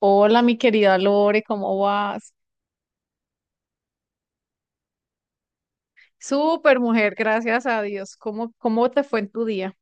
Hola, mi querida Lore, ¿cómo vas? Súper mujer, gracias a Dios. ¿Cómo te fue en tu día?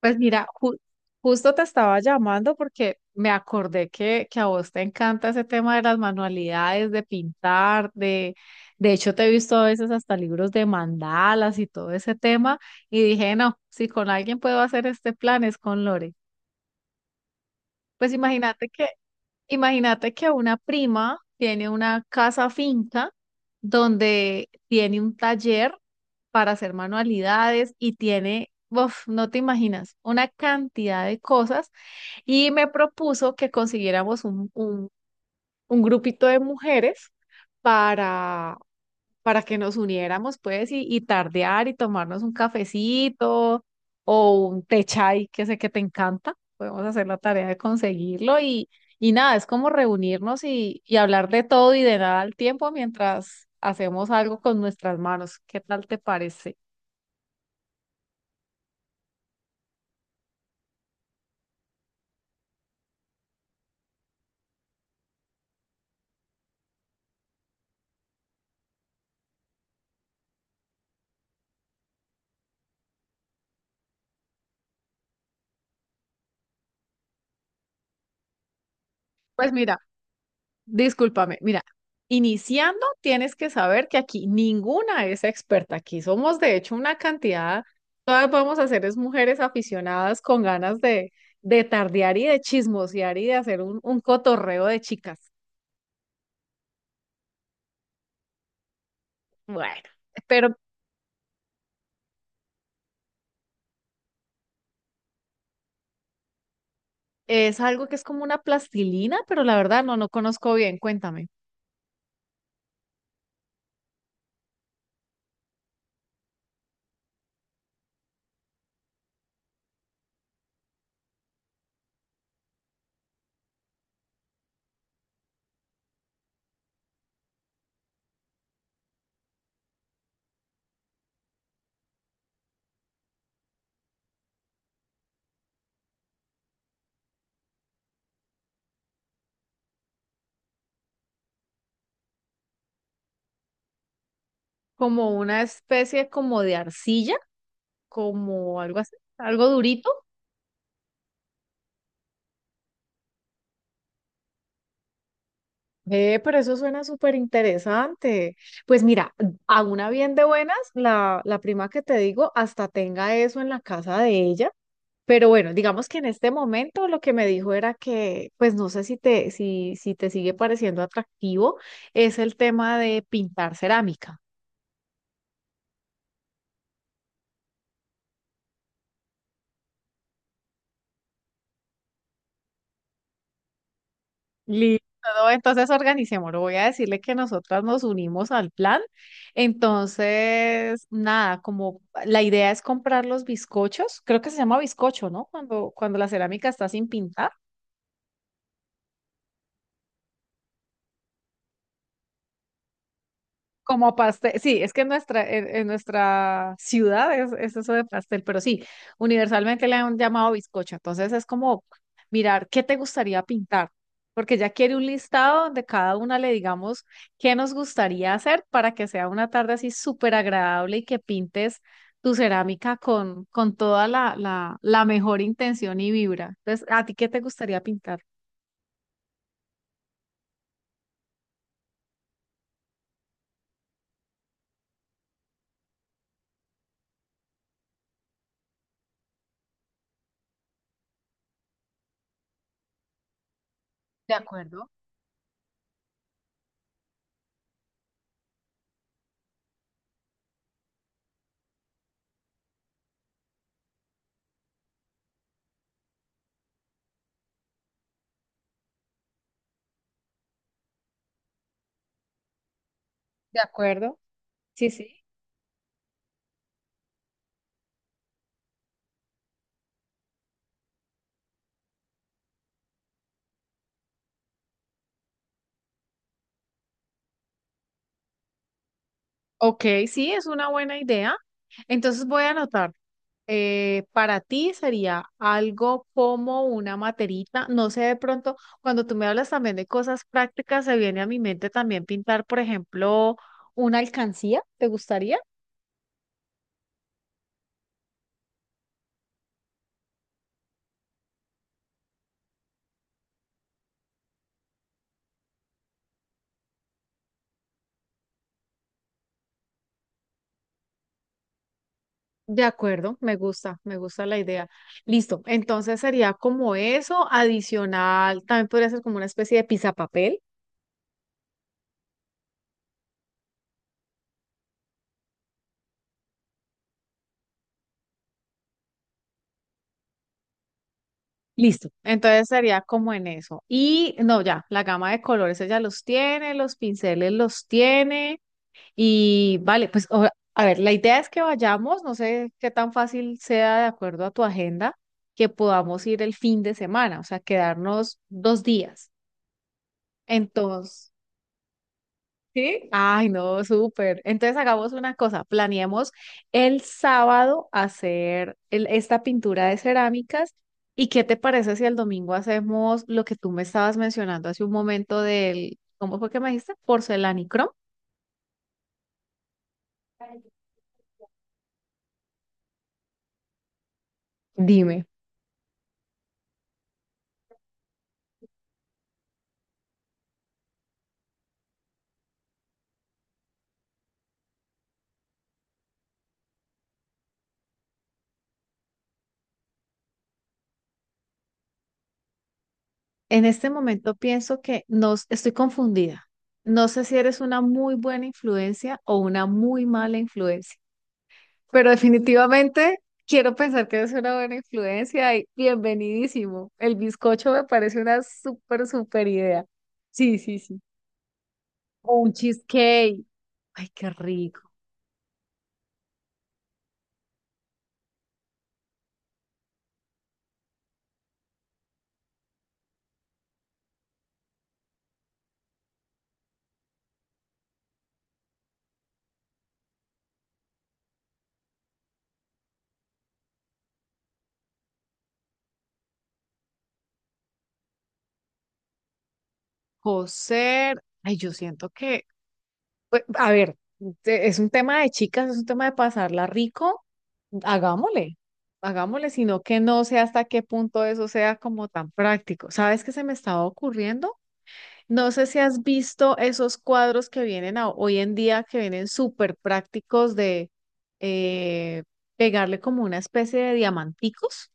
Pues mira, justo te estaba llamando porque me acordé que a vos te encanta ese tema de las manualidades, de pintar, de hecho te he visto a veces hasta libros de mandalas y todo ese tema y dije, no, si con alguien puedo hacer este plan es con Lore. Pues imagínate que imagínate que una prima tiene una casa finca donde tiene un taller para hacer manualidades y tiene, uf, no te imaginas, una cantidad de cosas y me propuso que consiguiéramos un grupito de mujeres para para que nos uniéramos, pues, y tardear y tomarnos un cafecito o un té chai, que sé que te encanta. Podemos hacer la tarea de conseguirlo y nada, es como reunirnos y hablar de todo y de nada al tiempo mientras hacemos algo con nuestras manos. ¿Qué tal te parece? Pues mira. Discúlpame, mira, iniciando tienes que saber que aquí ninguna es experta, aquí somos de hecho una cantidad, todas vamos a ser es mujeres aficionadas con ganas de tardear y de chismosear y de hacer un cotorreo de chicas. Bueno, pero es algo que es como una plastilina, pero la verdad no, no conozco bien, cuéntame, como una especie como de arcilla, como algo así, algo durito. Pero eso suena súper interesante. Pues mira, a una bien de buenas, la prima que te digo hasta tenga eso en la casa de ella. Pero bueno, digamos que en este momento lo que me dijo era que, pues no sé si te, si, si te sigue pareciendo atractivo, es el tema de pintar cerámica. Listo, ¿no? Entonces organicémoslo. Voy a decirle que nosotras nos unimos al plan. Entonces, nada, como la idea es comprar los bizcochos, creo que se llama bizcocho, ¿no? Cuando la cerámica está sin pintar. Como pastel, sí, es que en nuestra ciudad es eso de pastel, pero sí, universalmente le han llamado bizcocho. Entonces es como mirar qué te gustaría pintar, porque ya quiere un listado donde cada una le digamos qué nos gustaría hacer para que sea una tarde así súper agradable y que pintes tu cerámica con toda la, la, la mejor intención y vibra. Entonces, ¿a ti qué te gustaría pintar? De acuerdo. ¿De acuerdo? Sí, sí. Ok, sí, es una buena idea. Entonces voy a anotar. Para ti sería algo como una materita. No sé, de pronto, cuando tú me hablas también de cosas prácticas, se viene a mi mente también pintar, por ejemplo, una alcancía. ¿Te gustaría? De acuerdo, me gusta la idea. Listo, entonces sería como eso, adicional, también podría ser como una especie de papel. Listo. Entonces sería como en eso. Y no, ya, la gama de colores ella los tiene, los pinceles los tiene. Y vale, pues a ver, la idea es que vayamos, no sé qué tan fácil sea de acuerdo a tu agenda, que podamos ir el fin de semana, o sea, quedarnos dos días. Entonces, ¿sí? Ay, no, súper. Entonces hagamos una cosa, planeemos el sábado hacer esta pintura de cerámicas y qué te parece si el domingo hacemos lo que tú me estabas mencionando hace un momento del, ¿cómo fue que me dijiste? Porcelanicrom. Dime, en este momento pienso que nos estoy confundida. No sé si eres una muy buena influencia o una muy mala influencia. Pero definitivamente quiero pensar que es una buena influencia y bienvenidísimo. El bizcocho me parece una súper, súper idea. Sí, sí, sí. O un cheesecake. Ay, qué rico. Coser. Ay, yo siento que, pues, a ver, es un tema de chicas, es un tema de pasarla rico. Hagámosle, hagámosle, sino que no sé hasta qué punto eso sea como tan práctico. ¿Sabes qué se me estaba ocurriendo? No sé si has visto esos cuadros que vienen hoy en día, que vienen súper prácticos de eh, pegarle como una especie de diamanticos,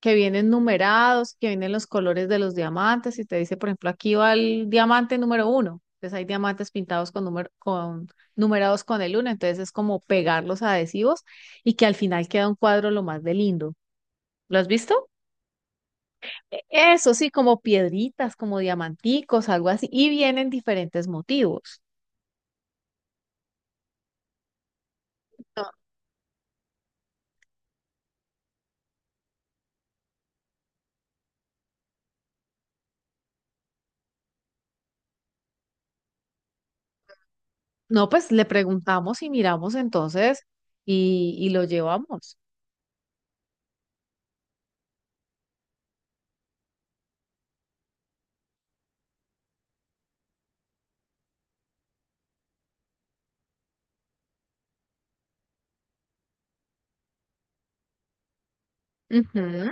que vienen numerados, que vienen los colores de los diamantes y te dice, por ejemplo, aquí va el diamante número uno. Entonces hay diamantes pintados con, número, con numerados con el uno, entonces es como pegar los adhesivos y que al final queda un cuadro lo más de lindo. ¿Lo has visto? Eso sí, como piedritas, como diamanticos, algo así, y vienen diferentes motivos. No, no, pues le preguntamos y miramos entonces y lo llevamos. Ujú.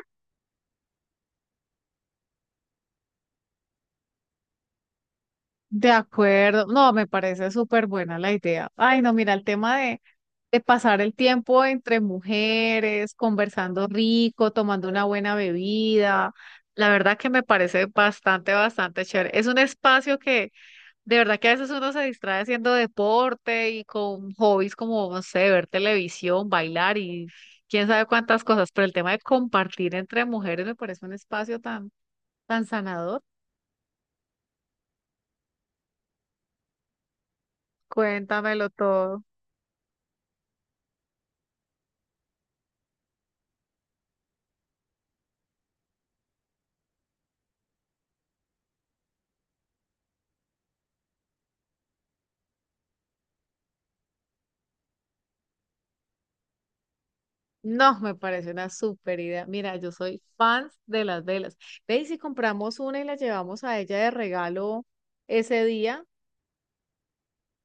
De acuerdo, no, me parece súper buena la idea. Ay, no, mira, el tema de pasar el tiempo entre mujeres, conversando rico, tomando una buena bebida, la verdad que me parece bastante, bastante chévere. Es un espacio que de verdad que a veces uno se distrae haciendo deporte y con hobbies como, no sé, ver televisión, bailar y quién sabe cuántas cosas, pero el tema de compartir entre mujeres me parece un espacio tan, tan sanador. Cuéntamelo todo. No, me parece una súper idea. Mira, yo soy fan de las velas. Ve y si compramos una y la llevamos a ella de regalo ese día,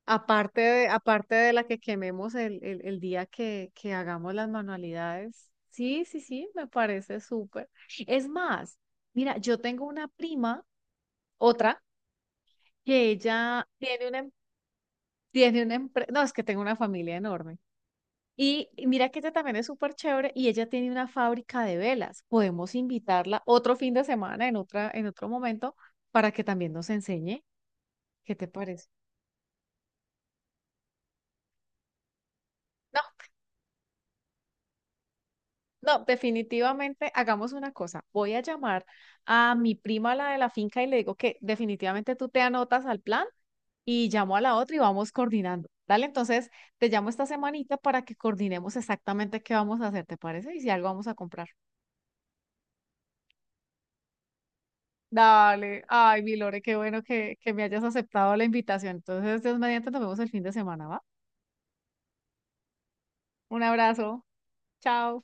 aparte de, aparte de la que quememos el día que hagamos las manualidades. Sí, sí, sí, me parece súper. Es más, mira, yo tengo una prima, otra, que ella tiene una, tiene una empresa, no, es que tengo una familia enorme. Y mira que ella también es súper chévere y ella tiene una fábrica de velas. Podemos invitarla otro fin de semana en otra, en otro momento para que también nos enseñe. ¿Qué te parece? No, definitivamente hagamos una cosa. Voy a llamar a mi prima, la de la finca, y le digo que definitivamente tú te anotas al plan y llamo a la otra y vamos coordinando. Dale, entonces te llamo esta semanita para que coordinemos exactamente qué vamos a hacer, ¿te parece? Y si algo vamos a comprar. Dale, ay, mi Lore, qué bueno que me hayas aceptado la invitación. Entonces, Dios mediante, nos vemos el fin de semana, ¿va? Un abrazo, chao.